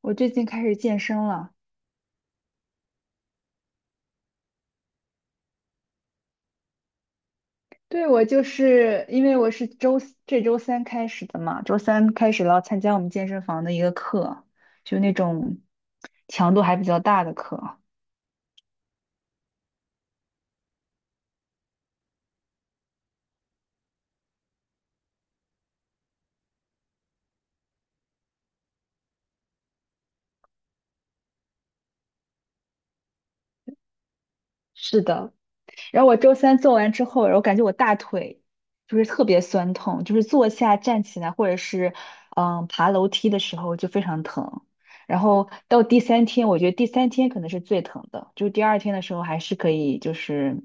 我最近开始健身了。对，我就是因为我是这周三开始的嘛，周三开始了参加我们健身房的一个课，就那种强度还比较大的课。是的，然后我周三做完之后，然后感觉我大腿就是特别酸痛，就是坐下、站起来或者是爬楼梯的时候就非常疼。然后到第三天，我觉得第三天可能是最疼的，就第二天的时候还是可以，就是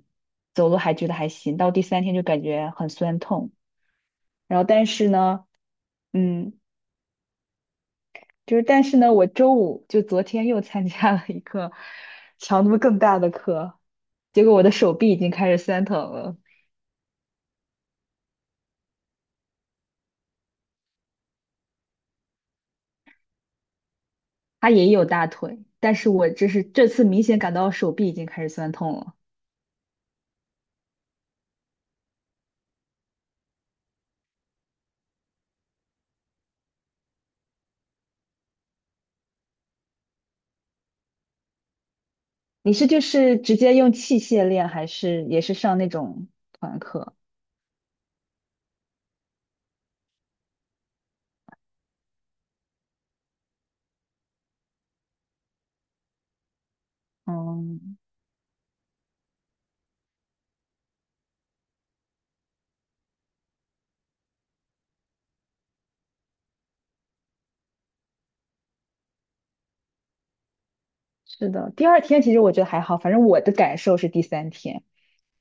走路还觉得还行，到第三天就感觉很酸痛。然后但是呢，嗯，但是呢，我周五就昨天又参加了一个强度更大的课，结果我的手臂已经开始酸疼了。他也有大腿，但是我这次明显感到手臂已经开始酸痛了。你是就是直接用器械练，还是也是上那种团课？嗯，是的。第二天其实我觉得还好，反正我的感受是第三天。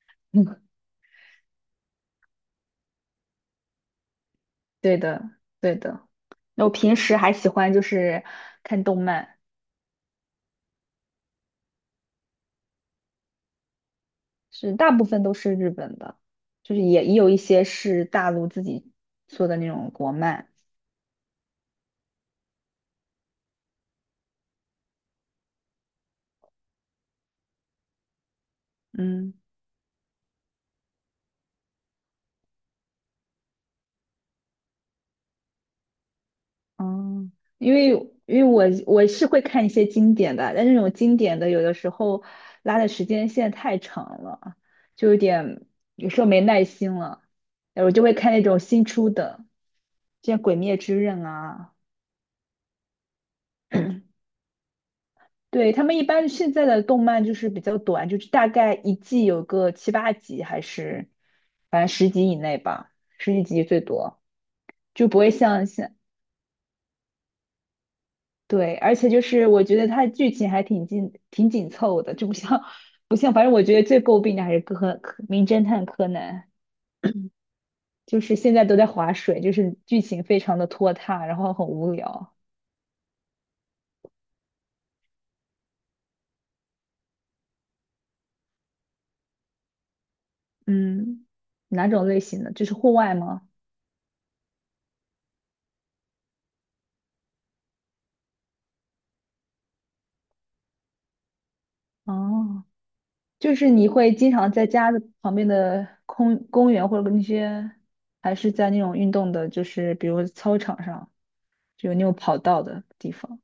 嗯，对的，对的。那我平时还喜欢就是看动漫，是大部分都是日本的，就是也有一些是大陆自己做的那种国漫。嗯，嗯，因为因为我是会看一些经典的，但那种经典的有的时候拉的时间线太长了，就有时候没耐心了，我就会看那种新出的，像《鬼灭之刃》啊。对，他们一般现在的动漫就是比较短，就是大概一季有个7、8集，还是反正10集以内吧，十几集最多，就不会像。对，而且就是我觉得它剧情还挺紧凑的，就不像不像，反正我觉得最诟病的还是名侦探柯南，就是现在都在划水，就是剧情非常的拖沓，然后很无聊。嗯，哪种类型的？就是户外吗？哦，就是你会经常在家的旁边的空公园或者那些，还是在那种运动的，就是比如操场上，就有那种跑道的地方。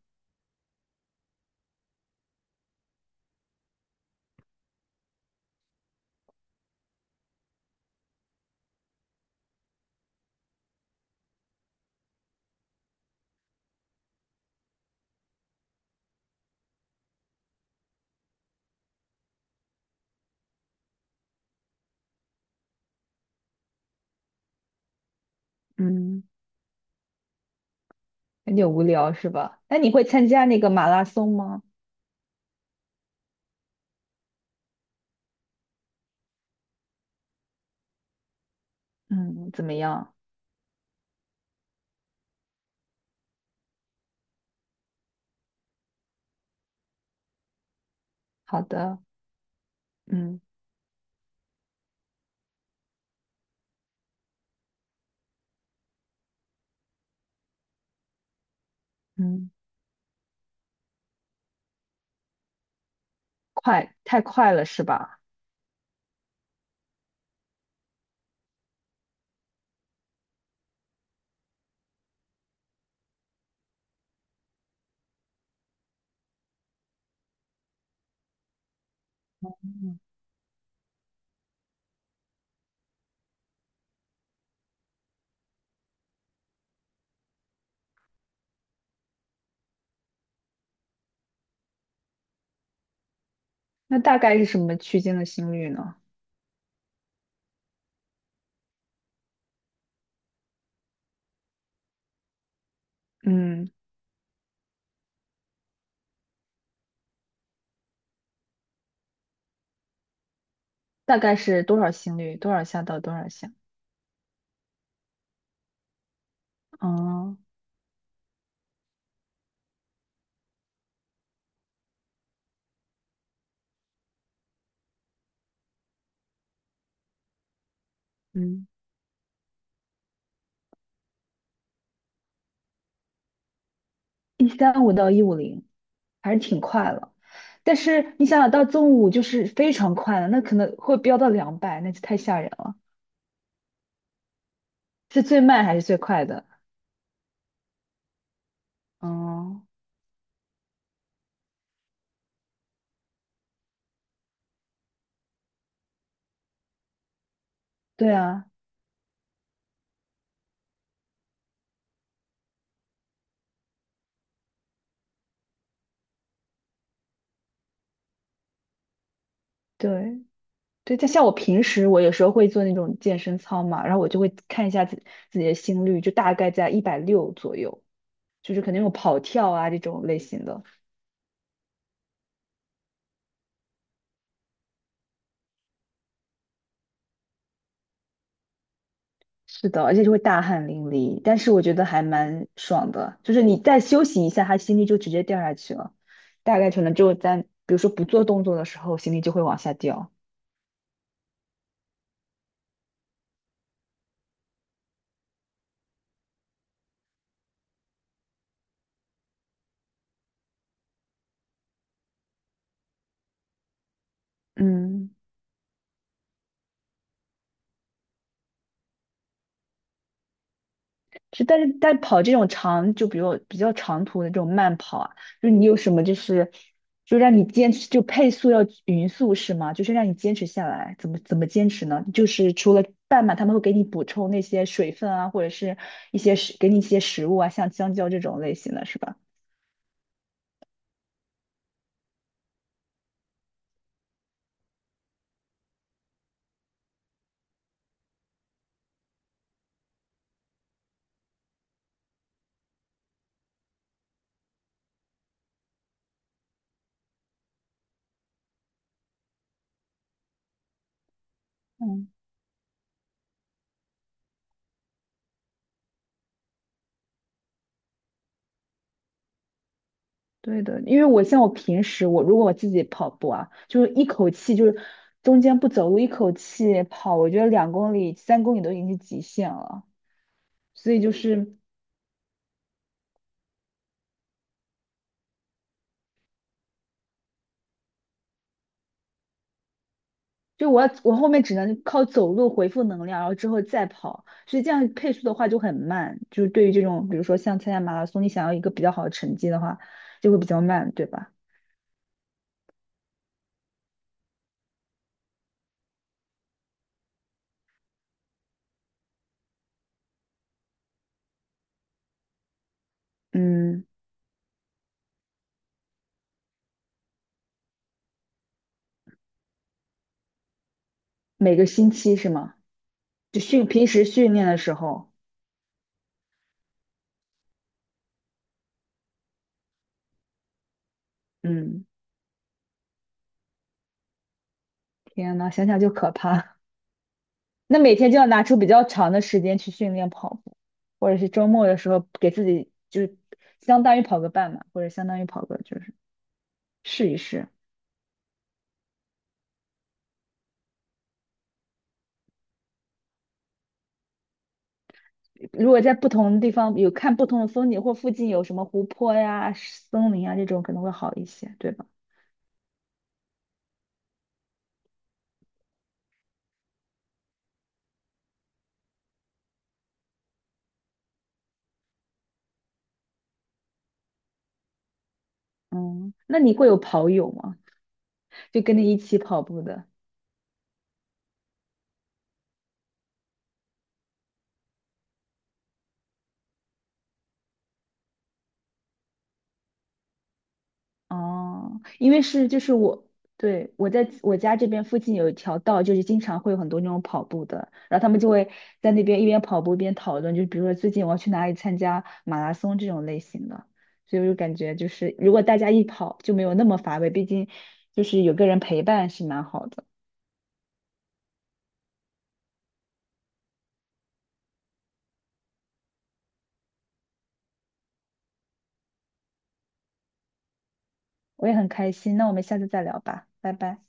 嗯。有点无聊是吧？那你会参加那个马拉松吗？嗯，怎么样？好的。嗯嗯，快，太快了是吧？那大概是什么区间的心率呢？嗯，大概是多少心率？多少下到多少下？哦。嗯，135到150，还是挺快了。但是你想想到中午就是非常快了，那可能会飙到200，那就太吓人了。是最慢还是最快的？哦。对啊。对，对，但像我平时我有时候会做那种健身操嘛，然后我就会看一下自己的心率，就大概在160左右，就是肯定有跑跳啊这种类型的。是的，而且就会大汗淋漓，但是我觉得还蛮爽的，就是你再休息一下，他心率就直接掉下去了，大概可能就在比如说不做动作的时候，心率就会往下掉。嗯。是，但跑这种长，就比如比较长途的这种慢跑啊，就是你有什么就是，就让你坚持，就配速要匀速是吗？就是让你坚持下来，怎么坚持呢？就是除了半马，他们会给你补充那些水分啊，或者是一些食，给你一些食物啊，像香蕉这种类型的是吧？嗯，对的，因为我像我平时我如果我自己跑步啊，就是一口气就是中间不走路，一口气跑，我觉得2公里、3公里都已经是极限了。所以就是就我要我后面只能靠走路回复能量，然后之后再跑，所以这样配速的话就很慢。就是对于这种，比如说像参加马拉松，你想要一个比较好的成绩的话，就会比较慢，对吧？嗯，每个星期是吗？就平时训练的时候。嗯，天呐，想想就可怕。那每天就要拿出比较长的时间去训练跑步，或者是周末的时候给自己就是相当于跑个半马，或者相当于跑个就是试一试。如果在不同的地方有看不同的风景，或附近有什么湖泊呀、森林啊这种，可能会好一些，对吧？嗯，那你会有跑友吗？就跟你一起跑步的？哦，因为是就是我，对，我在我家这边附近有一条道，就是经常会有很多那种跑步的，然后他们就会在那边一边跑步一边讨论，就比如说最近我要去哪里参加马拉松这种类型的，所以我就感觉就是如果大家一跑就没有那么乏味，毕竟就是有个人陪伴是蛮好的。我也很开心。那我们下次再聊吧，拜拜。